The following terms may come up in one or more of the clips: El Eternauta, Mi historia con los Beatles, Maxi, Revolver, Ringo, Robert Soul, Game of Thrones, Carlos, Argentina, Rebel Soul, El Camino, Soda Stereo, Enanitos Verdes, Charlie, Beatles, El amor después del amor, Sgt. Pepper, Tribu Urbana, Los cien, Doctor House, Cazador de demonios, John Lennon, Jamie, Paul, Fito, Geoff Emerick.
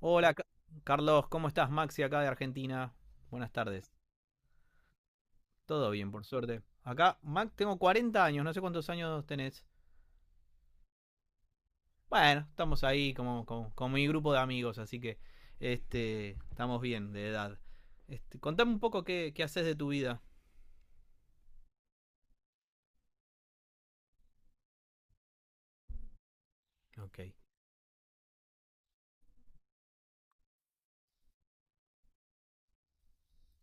Hola, Carlos, ¿cómo estás? Maxi acá de Argentina. Buenas tardes. Todo bien, por suerte. Acá, Max, tengo 40 años, no sé cuántos años tenés. Bueno, estamos ahí con mi grupo de amigos, así que estamos bien de edad. Contame un poco qué haces de tu vida. Ok.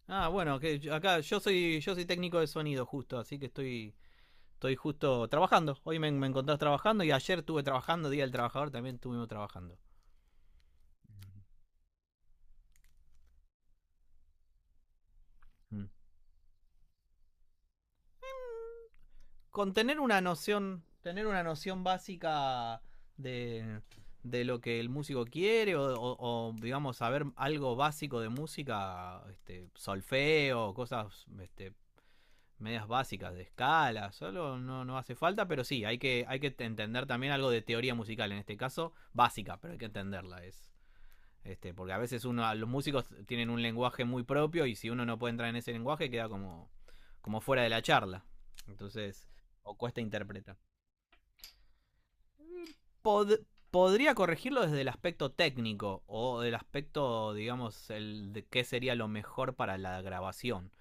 Ah, bueno, acá yo soy técnico de sonido justo, así que estoy justo trabajando. Hoy me encontrás trabajando y ayer estuve trabajando, Día del Trabajador, también estuvimos trabajando. Con tener una noción básica de, de lo que el músico quiere digamos saber algo básico de música, solfeo, medias básicas de escala, solo no, no hace falta, pero sí, hay que entender también algo de teoría musical, en este caso básica, pero hay que entenderla, porque a veces uno, los músicos tienen un lenguaje muy propio y si uno no puede entrar en ese lenguaje queda como fuera de la charla. Entonces, o cuesta interpretar. Pod- Podría corregirlo desde el aspecto técnico o del aspecto, digamos, el de qué sería lo mejor para la grabación.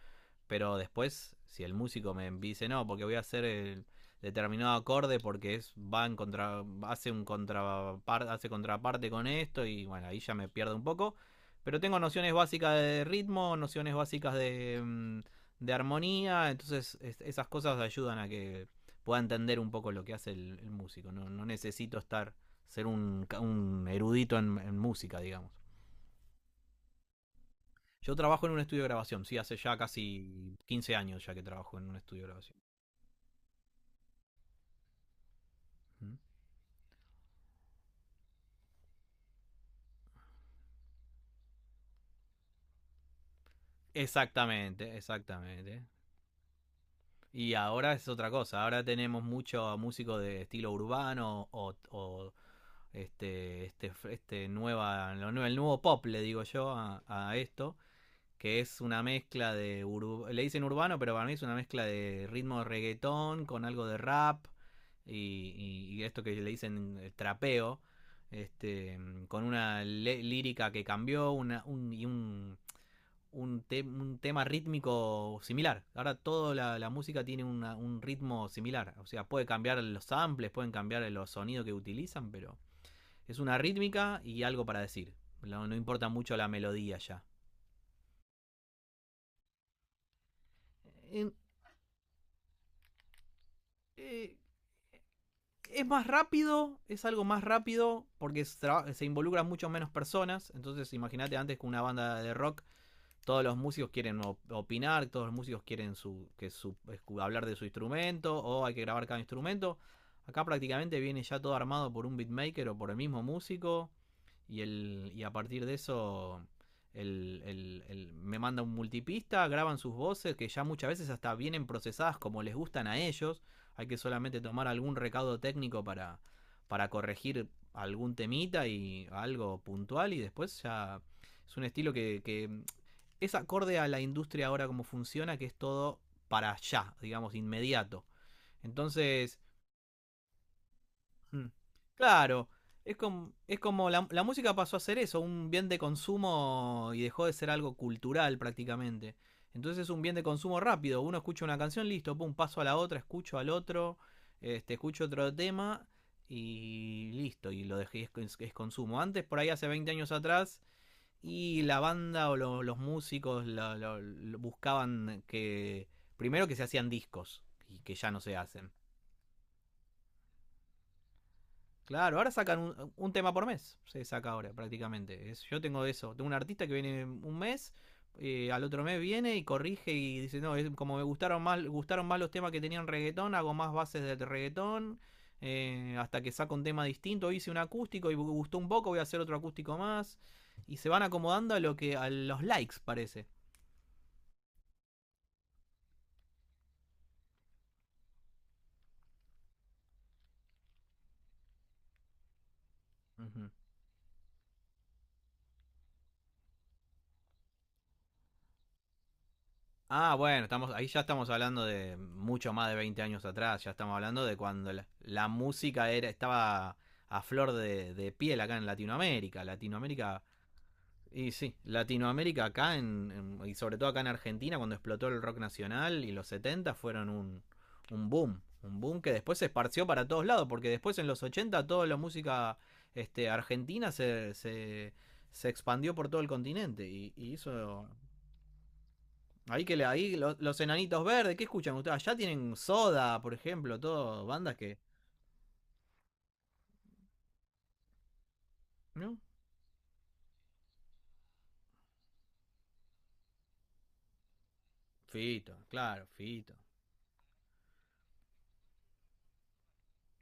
Pero después, si el músico me dice, no, porque voy a hacer el determinado acorde porque es, va en contra, hace contraparte con esto y bueno, ahí ya me pierdo un poco. Pero tengo nociones básicas de ritmo, nociones básicas de armonía, entonces esas cosas ayudan a que pueda entender un poco lo que hace el músico. No, no necesito estar, ser un erudito en música, digamos. Yo trabajo en un estudio de grabación, sí, hace ya casi 15 años ya que trabajo en un estudio de grabación. Ujú. Exactamente, exactamente. Y ahora es otra cosa, ahora tenemos mucho músico de estilo urbano o el nuevo pop, le digo yo, a esto. Que es una mezcla de... ur- le dicen urbano, pero para mí es una mezcla de ritmo de reggaetón con algo de rap y esto que le dicen trapeo, este, lírica que cambió una, un, y un, un, te- un tema rítmico similar. Ahora toda la música tiene un ritmo similar, o sea, puede cambiar los samples, pueden cambiar los sonidos que utilizan, pero es una rítmica y algo para decir. No, no importa mucho la melodía ya. En- eh, es más rápido, es algo más rápido se involucran mucho menos personas. Entonces, imagínate antes con una banda de rock todos los músicos quieren opinar, todos los músicos quieren hablar de su instrumento o hay que grabar cada instrumento. Acá prácticamente viene ya todo armado por un beatmaker o por el mismo músico y a partir de eso me manda un multipista, graban sus voces que ya muchas veces hasta vienen procesadas como les gustan a ellos. Hay que solamente tomar algún recaudo técnico para corregir algún temita y algo puntual y después ya es un estilo que es acorde a la industria ahora como funciona, que es todo para allá, digamos, inmediato. Entonces, mm, claro, es como la música pasó a ser eso, un bien de consumo y dejó de ser algo cultural prácticamente. Entonces es un bien de consumo rápido. Uno escucha una canción, listo, pum, paso a la otra, escucho al otro, escucho otro tema y listo, y lo dejé, es consumo. Antes, por ahí hace 20 años atrás, y la banda o los músicos buscaban que. Primero que se hacían discos y que ya no se hacen. Claro, ahora sacan un tema por mes. Se saca ahora prácticamente. Yo tengo eso. Tengo un artista que viene un mes, al otro mes viene y corrige y dice: No, es, como me gustaron más los temas que tenían reggaetón, hago más bases de reggaetón. Hasta que saco un tema distinto. Hice un acústico y gustó un poco, voy a hacer otro acústico más. Y se van acomodando a lo que a los likes, parece. Ujú. Ah, bueno, estamos, ahí ya estamos hablando de mucho más de 20 años atrás, ya estamos hablando de cuando la música era, estaba a flor piel acá en Latinoamérica. Latinoamérica, y sí, Latinoamérica acá y sobre todo acá en Argentina, cuando explotó el rock nacional y los 70 fueron un boom. Un boom que después se esparció para todos lados, porque después en los 80 toda la música argentina se expandió por todo el continente y hizo. Ahí que le, ahí enanitos verdes, ¿qué escuchan ustedes? Allá tienen soda, por ejemplo, todo, bandas que. ¿No? Fito, claro, Fito.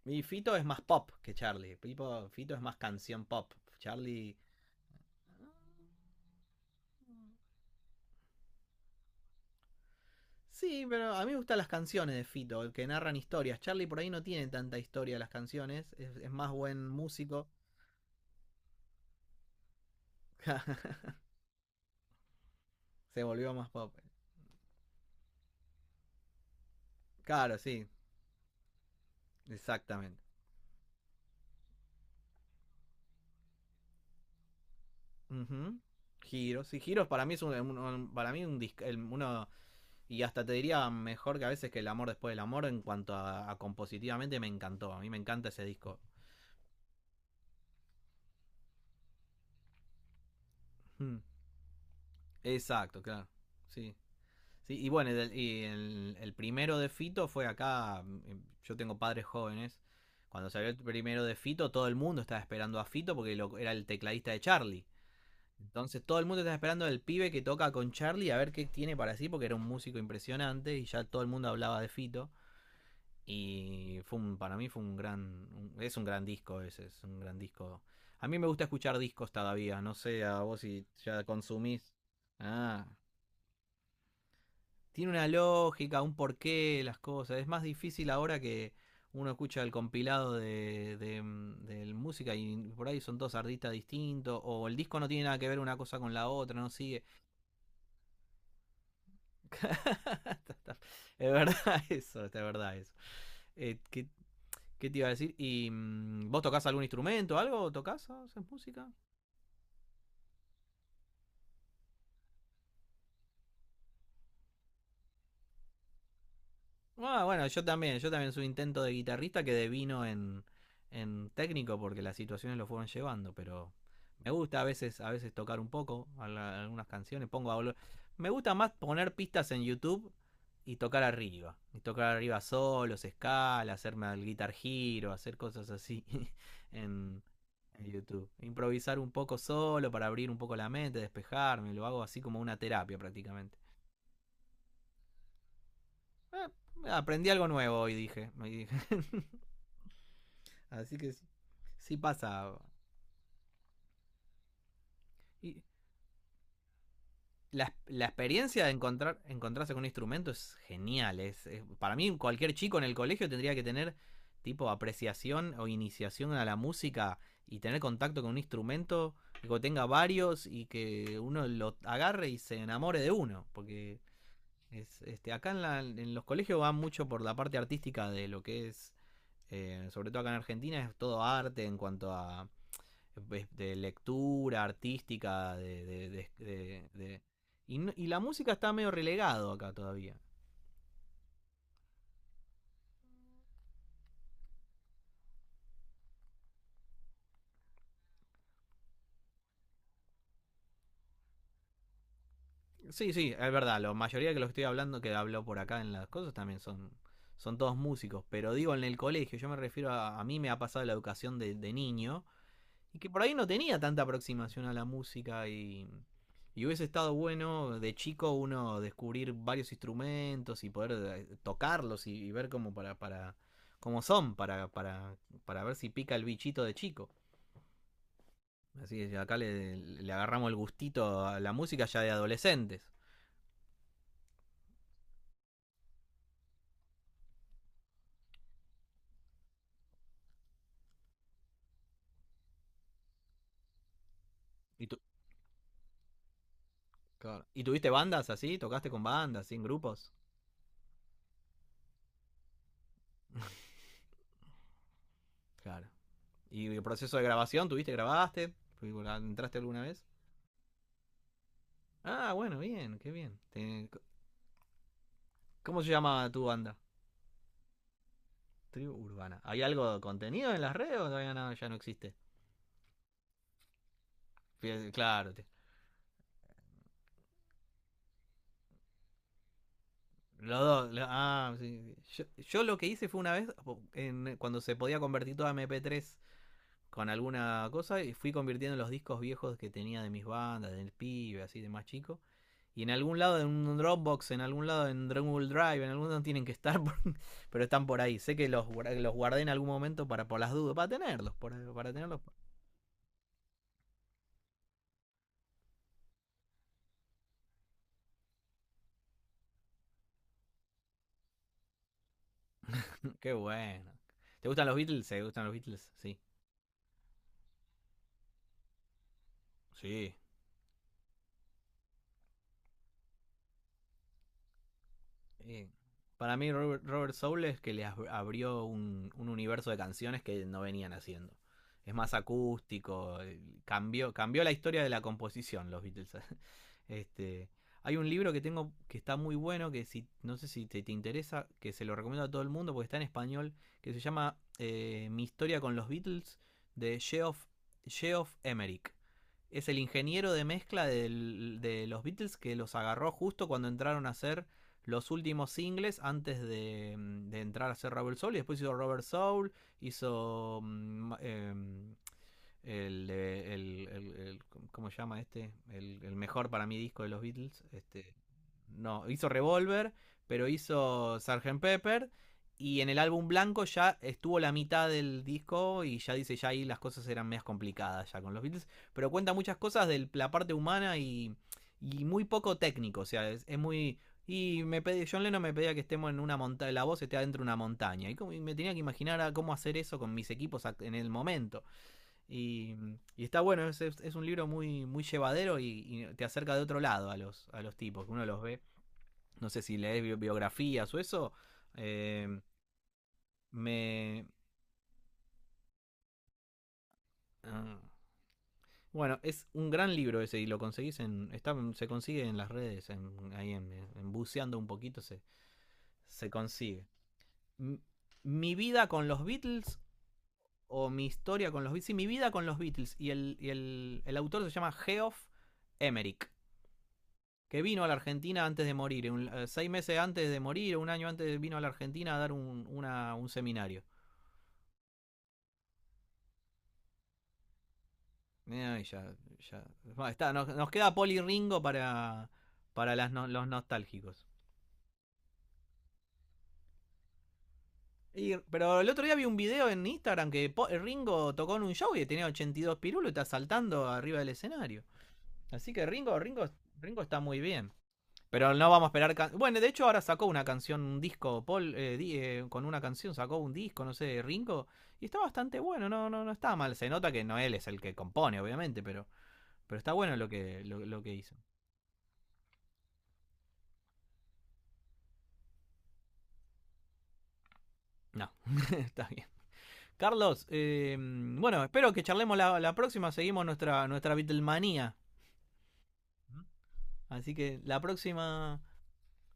Y Fito es más pop que Charlie. Fito es más canción pop. Charlie. Sí, pero a mí me gustan las canciones de Fito, que narran historias. Charlie por ahí no tiene tanta historia las canciones, es más buen músico. Se volvió más pop. Claro, sí, exactamente. Ujú. Giros, sí, Giros para mí es para mí un uno. Y hasta te diría mejor que a veces que El amor después del amor en cuanto a compositivamente me encantó. A mí me encanta ese disco. Hmm. Exacto, claro. Sí. Sí y bueno, el primero de Fito fue acá. Yo tengo padres jóvenes. Cuando salió el primero de Fito, todo el mundo estaba esperando a Fito porque era el tecladista de Charlie. Entonces todo el mundo estaba esperando al pibe que toca con Charlie a ver qué tiene para sí porque era un músico impresionante y ya todo el mundo hablaba de Fito. Y fue para mí fue un gran. Es un gran disco ese, es un gran disco. A mí me gusta escuchar discos todavía, no sé, a vos si ya consumís. Ah, tiene una lógica, un porqué, las cosas. Es más difícil ahora que uno escucha el compilado de música y por ahí son dos artistas distintos, o el disco no tiene nada que ver una cosa con la otra, no sigue. Es verdad eso, es verdad eso. Que ¿qué te iba a decir? ¿Y vos tocás algún instrumento, algo? ¿Tocás? ¿Haces música? Ah, bueno, yo también soy intento de guitarrista que devino en técnico porque las situaciones lo fueron llevando, pero me gusta a veces tocar un poco a algunas canciones, me gusta más poner pistas en YouTube y tocar arriba solos, escala, hacerme el guitar giro, hacer cosas así en, en YouTube, improvisar un poco solo para abrir un poco la mente, despejarme, lo hago así como una terapia prácticamente. Eh, aprendí algo nuevo hoy, dije. Me dije. Así que sí, sí pasa. Y la experiencia de encontrar, encontrarse con un instrumento es genial. Para mí, cualquier chico en el colegio tendría que tener tipo apreciación o iniciación a la música y tener contacto con un instrumento que tenga varios y que uno lo agarre y se enamore de uno. Porque acá en los colegios va mucho por la parte artística de lo que es, sobre todo acá en Argentina, es todo arte en cuanto a de lectura artística, y no, y la música está medio relegado acá todavía. Sí, sí, es verdad, la mayoría que lo estoy hablando, que hablo por acá en las cosas, también son, son todos músicos, pero digo en el colegio, yo me refiero a mí me ha pasado la educación de niño, y que por ahí no tenía tanta aproximación a la música y hubiese estado bueno de chico uno descubrir varios instrumentos y poder tocarlos y ver cómo para cómo son para ver si pica el bichito de chico. Así es, acá le agarramos el gustito a la música ya de adolescentes. ¿Y, tu- Claro. ¿Y tuviste bandas así? ¿Tocaste con bandas, así, en grupos? Claro. ¿Y el proceso de grabación? ¿Tuviste, grabaste? ¿Entraste alguna vez? Ah, bueno, bien, qué bien. Te- ¿Cómo se llama tu banda? Tribu Urbana. ¿Hay algo de contenido en las redes o todavía no, ya no existe? Claro, te- los dos. Lo- ah, sí, sí. Yo lo que hice fue una vez, cuando se podía convertir toda MP3 con alguna cosa, y fui convirtiendo los discos viejos que tenía de mis bandas, del pibe, así de más chico. Y en algún lado, en un Dropbox, en algún lado, en Google Drive, en algún lado tienen que estar, por- pero están por ahí. Sé que los guardé en algún momento para por las dudas, para tenerlos, para tenerlos. Qué bueno. ¿Te gustan los Beatles? ¿Te gustan los Beatles? Sí. Sí. Eh, para mí Robert Soul es que le abrió un universo de canciones que no venían haciendo. Es más acústico, cambió la historia de la composición, los Beatles. Este, hay un libro que tengo que está muy bueno, que si, no sé si te interesa, que se lo recomiendo a todo el mundo porque está en español, que se llama Mi historia con los Beatles de Geoff Emerick. Es el ingeniero de mezcla de los Beatles que los agarró justo cuando entraron a hacer los últimos singles antes de, de entrar a hacer Rebel Soul. Y después hizo Robert Soul, hizo el, el, el- el- ¿cómo se llama este? El mejor para mí disco de los Beatles. No, hizo Revolver, pero hizo Sgt. Pepper. Y en el álbum blanco ya estuvo la mitad del disco y ya dice, ya ahí las cosas eran más complicadas ya con los Beatles. Pero cuenta muchas cosas de la parte humana y muy poco técnico. O sea, es muy... Y me pedí, John Lennon me pedía que estemos en una montaña, la voz esté adentro de una montaña. Y, y me tenía que imaginar a cómo hacer eso con mis equipos en el momento. Y, y está bueno, un libro muy, muy llevadero y te acerca de otro lado a a los tipos. Uno los ve, no sé si lees biografías o eso. Eh, me. Ah. Bueno, es un gran libro ese y lo conseguís en. Está, se consigue en las redes, en, ahí en buceando un poquito se consigue. M- Mi vida con los Beatles o mi historia con los Beatles. Sí, mi vida con los Beatles. Y el autor se llama Geoff Emerick, que vino a la Argentina antes de morir, 6 meses antes de morir, un año antes vino a la Argentina a dar un seminario. Ay, ya, ya. Está, nos queda Poli Ringo para las los nostálgicos. Pero el otro día vi un video en Instagram que Ringo tocó en un show y tenía 82 pirulos y está saltando arriba del escenario. Así que Ringo está muy bien. Pero no vamos a esperar. Bueno, de hecho, ahora sacó una canción, un disco, Paul, con una canción sacó un disco, no sé, Ringo, y está bastante bueno, no está mal. Se nota que no él es el que compone, obviamente, pero está bueno lo que hizo. No, está bien. Carlos, bueno, espero que charlemos la próxima. Seguimos nuestra Beatlemanía. Así que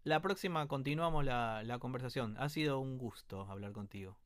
la próxima continuamos la conversación. Ha sido un gusto hablar contigo.